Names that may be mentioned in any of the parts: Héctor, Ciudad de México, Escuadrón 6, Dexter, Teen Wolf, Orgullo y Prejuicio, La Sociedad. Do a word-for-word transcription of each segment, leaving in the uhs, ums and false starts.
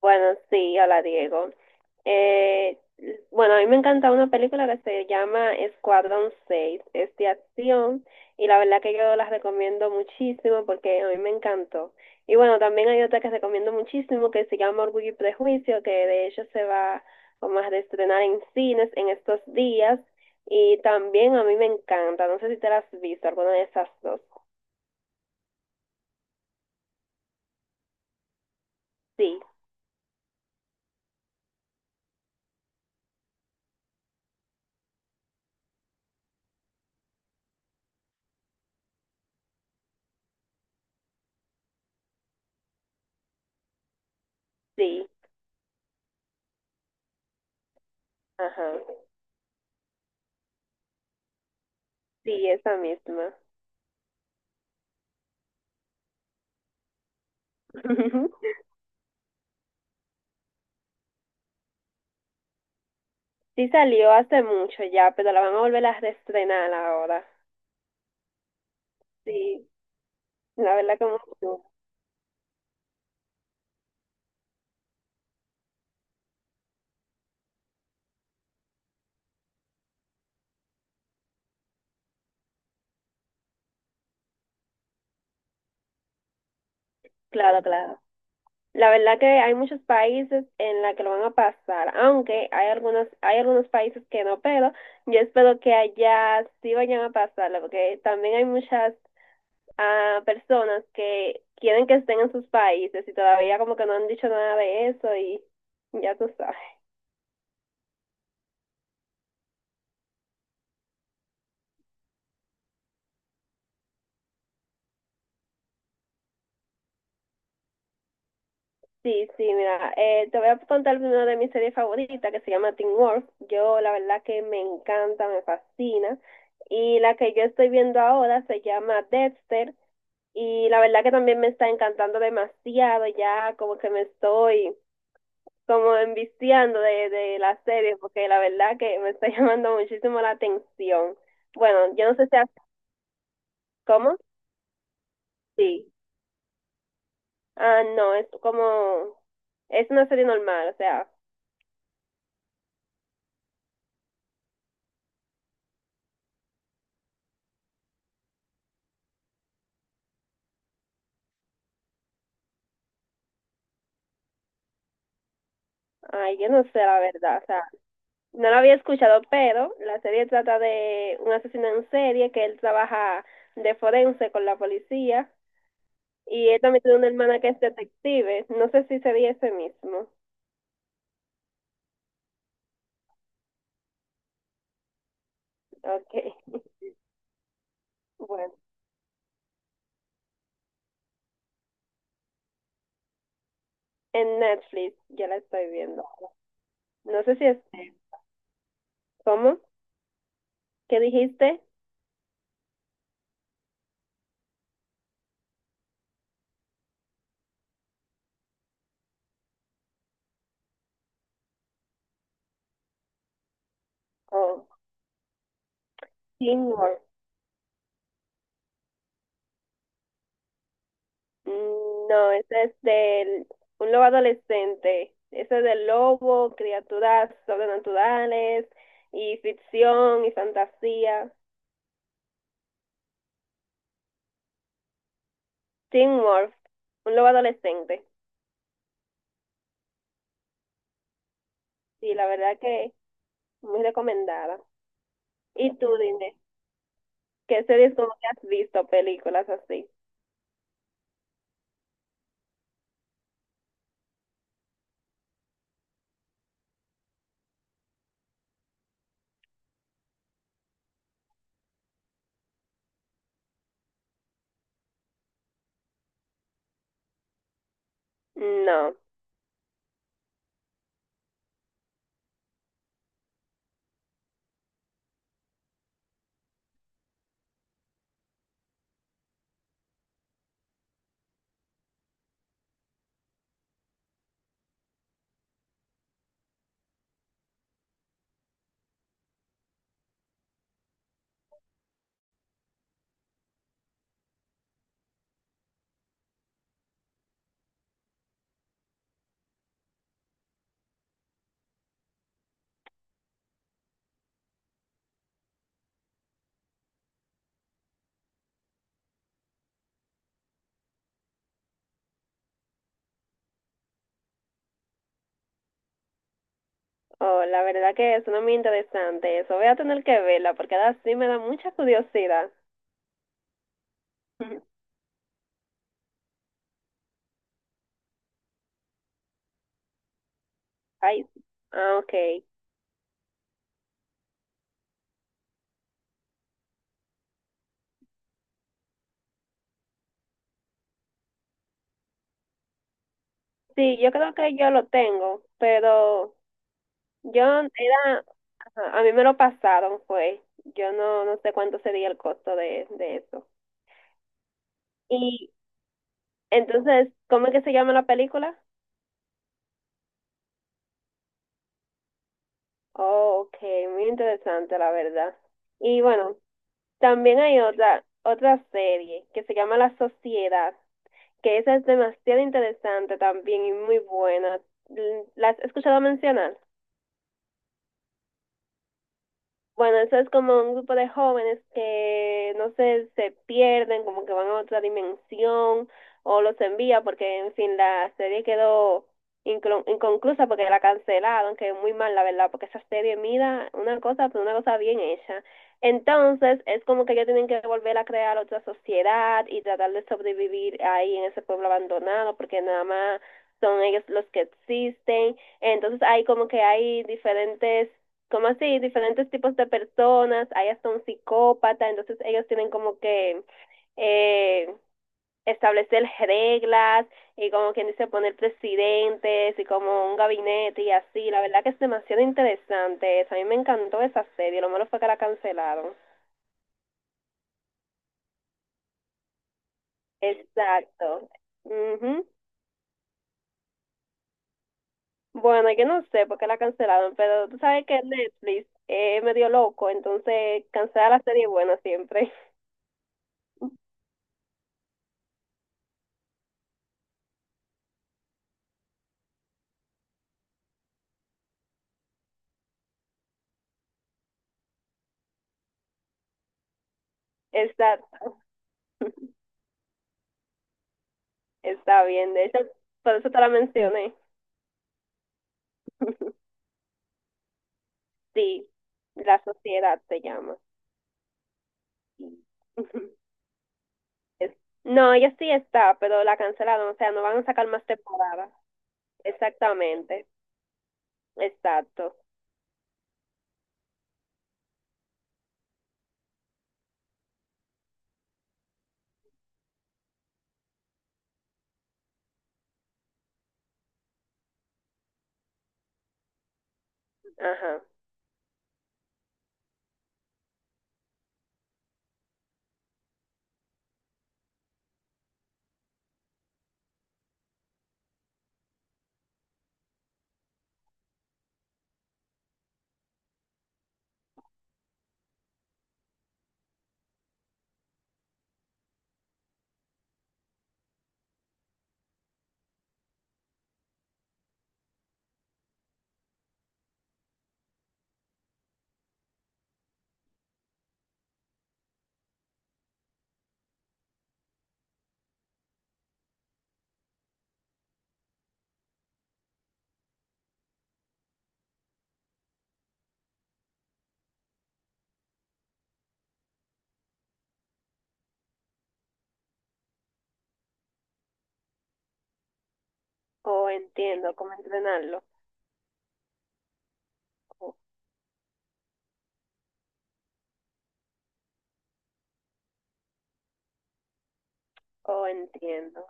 Bueno, sí, hola Diego. Eh, bueno, a mí me encanta una película que se llama Escuadrón seis, es de acción y la verdad que yo la recomiendo muchísimo porque a mí me encantó. Y bueno, también hay otra que recomiendo muchísimo que se llama Orgullo y Prejuicio, que de hecho se va como a estrenar en cines en estos días y también a mí me encanta, no sé si te la has visto, alguna de esas dos. Sí, sí, ajá, sí, esa misma. Sí salió hace mucho ya, pero la van a volver a reestrenar ahora. Sí, la verdad que mucho. Claro, claro. La verdad que hay muchos países en la que lo van a pasar, aunque hay algunos, hay algunos países que no, pero yo espero que allá sí vayan a pasarlo, porque también hay muchas ah, personas que quieren que estén en sus países y todavía como que no han dicho nada de eso y ya tú sabes. Sí, sí, mira, eh, te voy a contar una de mis series favoritas que se llama Teen Wolf. Yo la verdad que me encanta, me fascina. Y la que yo estoy viendo ahora se llama Dexter y la verdad que también me está encantando demasiado, ya como que me estoy como enviciando de, de la serie porque la verdad que me está llamando muchísimo la atención. Bueno, yo no sé si... a- ¿Cómo? Sí. Ah, no, es como... Es una serie normal, o sea, ay, yo no sé la verdad, o sea, no lo había escuchado, pero la serie trata de un asesino en serie que él trabaja de forense con la policía y él también tiene una hermana que es detective. No sé si sería ese mismo. Okay, bueno. En Netflix ya la estoy viendo. No sé si es... ¿Cómo? ¿Qué dijiste? Oh, Teen Wolf. Mm, no, ese es de un lobo adolescente. Ese es de lobo, criaturas sobrenaturales y ficción y fantasía. Teen Wolf, un lobo adolescente. Sí, la verdad que muy recomendada. ¿Y tú, dime ¿qué series como que has visto, películas así? No. Oh, la verdad que eso no es muy interesante eso. Voy a tener que verla porque ahora sí me da mucha curiosidad. Ay, sí. Ah, ok. Sí, yo creo que yo lo tengo, pero yo era, ajá, a mí me lo pasaron, fue. Yo no, no sé cuánto sería el costo de, de eso. Y entonces, ¿cómo es que se llama la película? Oh, ok, muy interesante, la verdad. Y bueno, también hay otra, otra serie que se llama La Sociedad, que esa es demasiado interesante también y muy buena. ¿La has escuchado mencionar? Bueno, eso es como un grupo de jóvenes que, no sé, se pierden, como que van a otra dimensión o los envía porque, en fin, la serie quedó inclu- inconclusa porque la cancelaron, que es muy mal, la verdad, porque esa serie, mira, una cosa, pero una cosa bien hecha. Entonces, es como que ellos tienen que volver a crear otra sociedad y tratar de sobrevivir ahí en ese pueblo abandonado porque nada más son ellos los que existen. Entonces, hay como que hay diferentes como así, diferentes tipos de personas, hay hasta un psicópata, entonces ellos tienen como que eh, establecer reglas y como quien dice poner presidentes y como un gabinete y así, la verdad que es demasiado interesante, eso. A mí me encantó esa serie, lo malo fue que la cancelaron. Exacto. Ujú. Bueno, yo no sé por qué la cancelaron, pero tú sabes que Netflix es medio loco, entonces cancela la serie buena siempre. Exacto. Está bien, de hecho, por eso te la mencioné. Sí, la sociedad se llama. Sí. Es- No, ella sí está, pero la cancelaron, o sea, no van a sacar más temporadas. Exactamente, exacto. Ajá. Oh, entiendo cómo entrenarlo. Oh, oh, entiendo.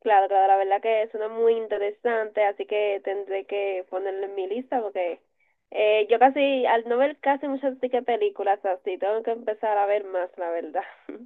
Claro, claro, la verdad que suena muy interesante, así que tendré que ponerlo en mi lista porque eh, yo casi, al no ver casi muchas sí que películas así, tengo que empezar a ver más, la verdad.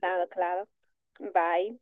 Claro, claro. Bye.